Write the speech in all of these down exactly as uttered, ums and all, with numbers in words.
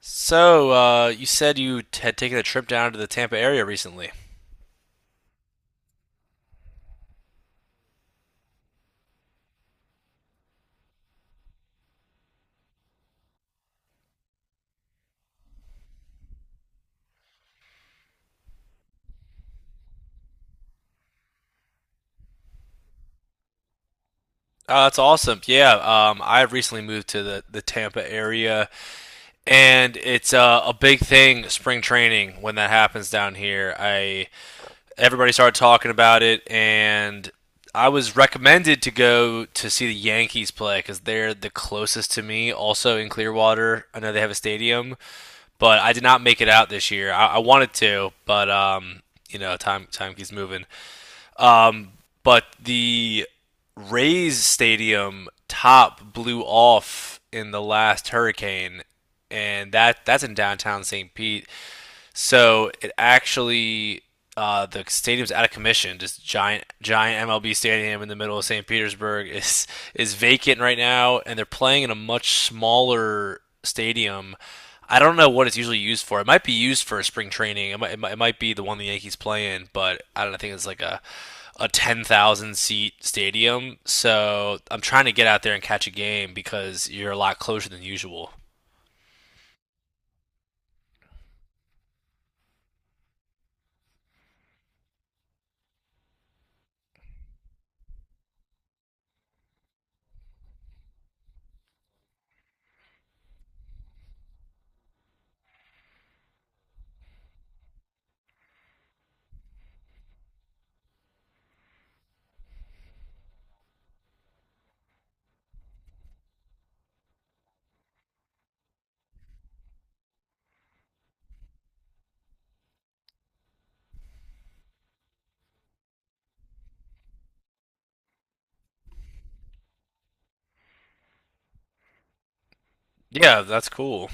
So, uh, you said you had taken a trip down to the Tampa area recently. Uh, that's awesome. Yeah, um, I've recently moved to the, the Tampa area, and it's uh, a big thing, spring training, when that happens down here. I everybody started talking about it, and I was recommended to go to see the Yankees play because they're the closest to me, also in Clearwater. I know they have a stadium, but I did not make it out this year. I, I wanted to, but um, you know, time time keeps moving. Um, but the Rays stadium top blew off in the last hurricane, and that that's in downtown saint Pete. So it actually, uh, the stadium's out of commission. This giant, giant M L B stadium in the middle of saint Petersburg is is vacant right now, and they're playing in a much smaller stadium. I don't know what it's usually used for. It might be used for a spring training. It might, it might, it might be the one the Yankees play in, but I don't know, I think it's like a a ten thousand seat stadium. So I'm trying to get out there and catch a game because you're a lot closer than usual. Yeah, that's cool.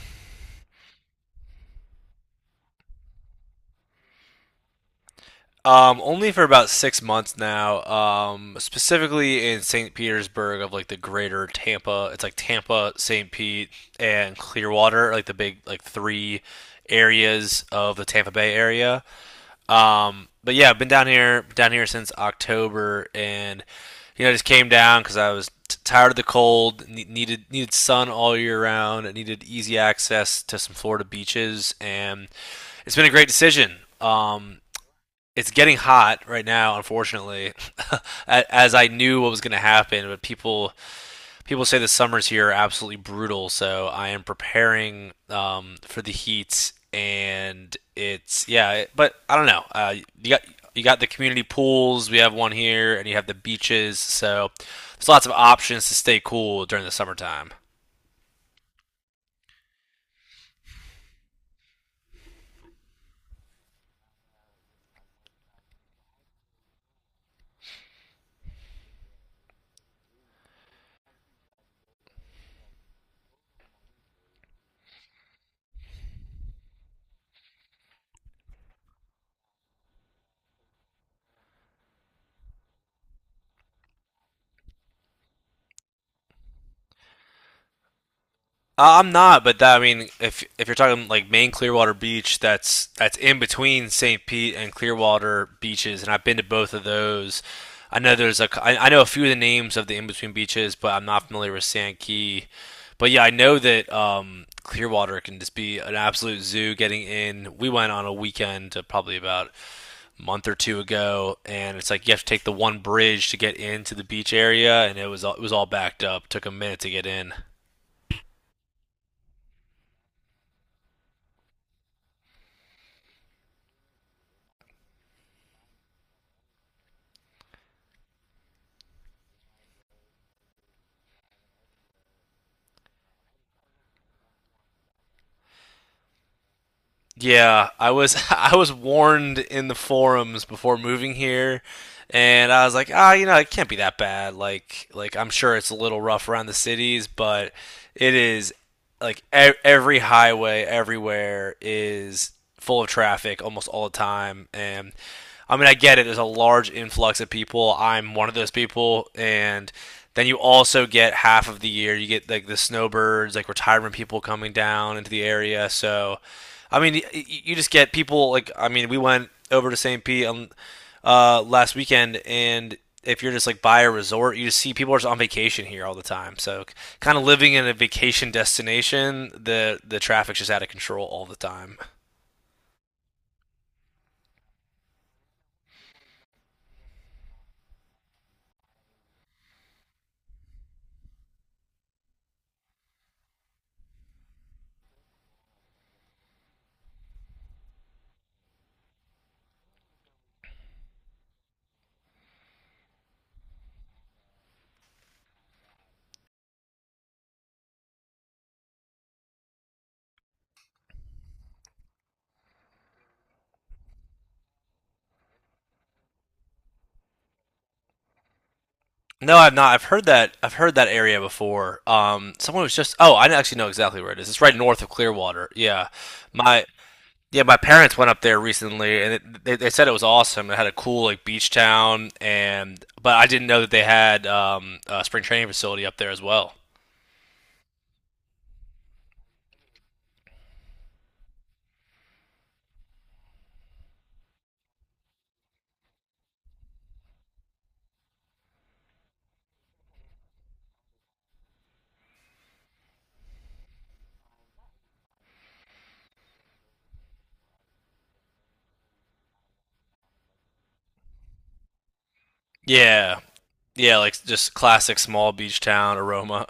Um, only for about six months now. Um, specifically in saint Petersburg of like the greater Tampa. It's like Tampa, saint Pete, and Clearwater, like the big like three areas of the Tampa Bay area. Um, but yeah, I've been down here down here since October, and you know I just came down because I was t- tired of the cold, ne- needed needed sun all year round, and needed easy access to some Florida beaches, and it's been a great decision. Um, it's getting hot right now, unfortunately, as I knew what was going to happen. But people people say the summers here are absolutely brutal, so I am preparing um, for the heat. And it's yeah, but I don't know. Uh, you got you got the community pools. We have one here, and you have the beaches. So there's lots of options to stay cool during the summertime. Uh, I'm not, but that, I mean, if if you're talking like main Clearwater Beach, that's that's in between saint Pete and Clearwater beaches, and I've been to both of those. I know there's a, I, I know a few of the names of the in between beaches, but I'm not familiar with Sand Key. But yeah, I know that um, Clearwater can just be an absolute zoo. Getting in, we went on a weekend uh, probably about a month or two ago, and it's like you have to take the one bridge to get into the beach area, and it was all, it was all backed up. It Took a minute to get in. Yeah, I was I was warned in the forums before moving here, and I was like, ah, you know, it can't be that bad. Like, like I'm sure it's a little rough around the cities, but it is like e- every highway everywhere is full of traffic almost all the time, and I mean, I get it. There's a large influx of people. I'm one of those people, and then you also get half of the year. You get like the snowbirds, like retirement people coming down into the area. So I mean, you just get people like I mean, we went over to saint Pete on uh, last weekend, and if you're just like by a resort, you just see people are just on vacation here all the time. So, kind of living in a vacation destination, the the traffic's just out of control all the time. No, I've not. I've heard that. I've heard that area before. Um, someone was just. Oh, I actually know exactly where it is. It's right north of Clearwater. Yeah, my Yeah, my parents went up there recently, and it, they they said it was awesome. It had a cool like beach town, and but I didn't know that they had um, a spring training facility up there as well. Yeah, yeah, like just classic small beach town aroma.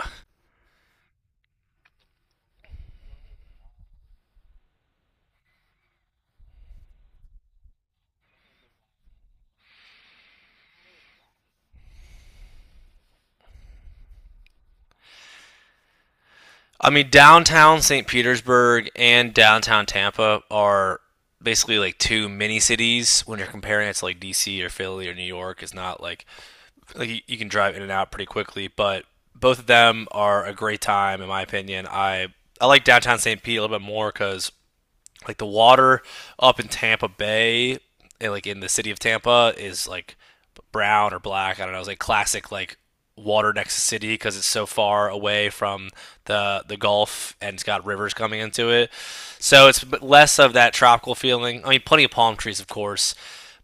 I mean, downtown saint Petersburg and downtown Tampa are basically like two mini cities when you're comparing it to like D C or Philly or New York. It's not like like you, you can drive in and out pretty quickly. But both of them are a great time, in my opinion. I I like downtown saint Pete a little bit more because like the water up in Tampa Bay, and, like in the city of Tampa, is like brown or black. I don't know. It's like classic like water next to city because it's so far away from the the Gulf and it's got rivers coming into it. So it's less of that tropical feeling. I mean, plenty of palm trees, of course,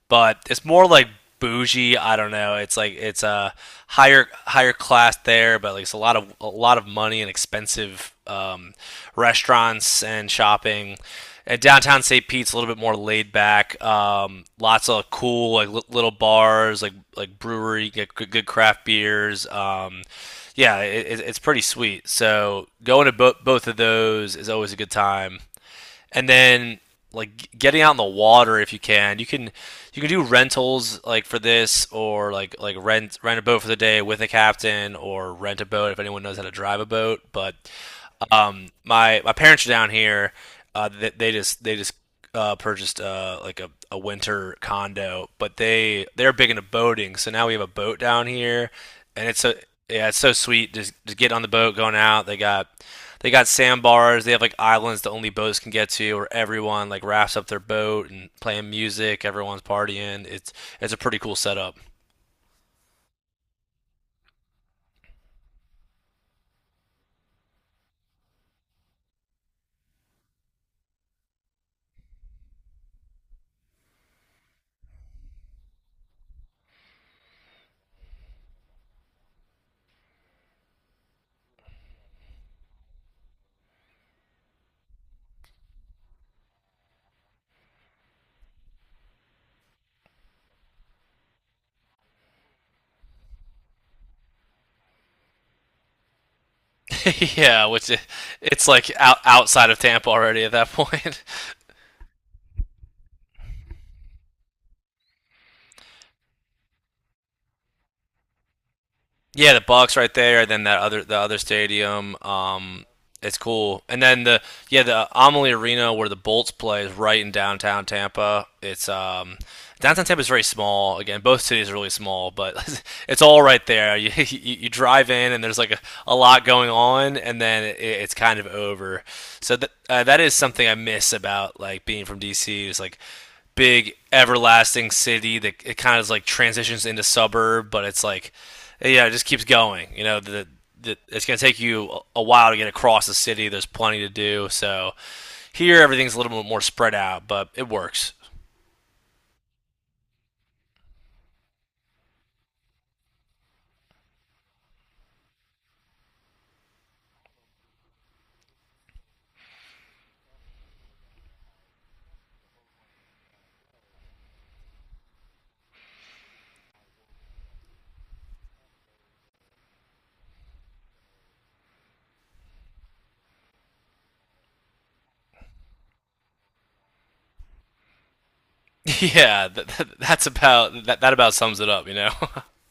but it's more like bougie. I don't know. It's like it's a higher higher class there, but like it's a lot of a lot of money and expensive um, restaurants and shopping. At downtown saint Pete's, a little bit more laid back. Um, lots of cool like li- little bars, like like brewery, get good, good craft beers. Um, yeah, it, it's pretty sweet. So going to bo- both of those is always a good time and then like getting out in the water if you can. You can you can do rentals like for this or like like rent rent a boat for the day with a captain or rent a boat if anyone knows how to drive a boat. But um, my my parents are down here. Uh, they, they just they just uh, purchased uh, like a, a winter condo, but they they're big into boating. So now we have a boat down here, and it's a yeah, it's so sweet. Just, just get on the boat, going out. They got they got sandbars. They have like islands that only boats can get to, where everyone like wraps up their boat and playing music. Everyone's partying. It's it's a pretty cool setup. Yeah, which it, it's like out, outside of Tampa already at that point. Yeah, the Bucks right there, and then that other the other stadium. Um, it's cool. And then the yeah the Amalie Arena where the Bolts play is right in downtown Tampa. It's um downtown Tampa is very small. Again, both cities are really small, but it's all right there. You you, you drive in and there's like a, a lot going on, and then it, it's kind of over. So that uh, that is something I miss about like being from D C. It's like big everlasting city that it kind of like transitions into suburb, but it's like yeah, it just keeps going. You know, the, the it's going to take you a- while to get across the city. There's plenty to do. So here everything's a little bit more spread out, but it works. Yeah, th- that's about that, that about sums it up, you know.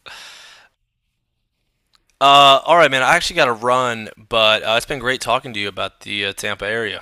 Uh all right, man, I actually got to run, but uh, it's been great talking to you about the uh, Tampa area.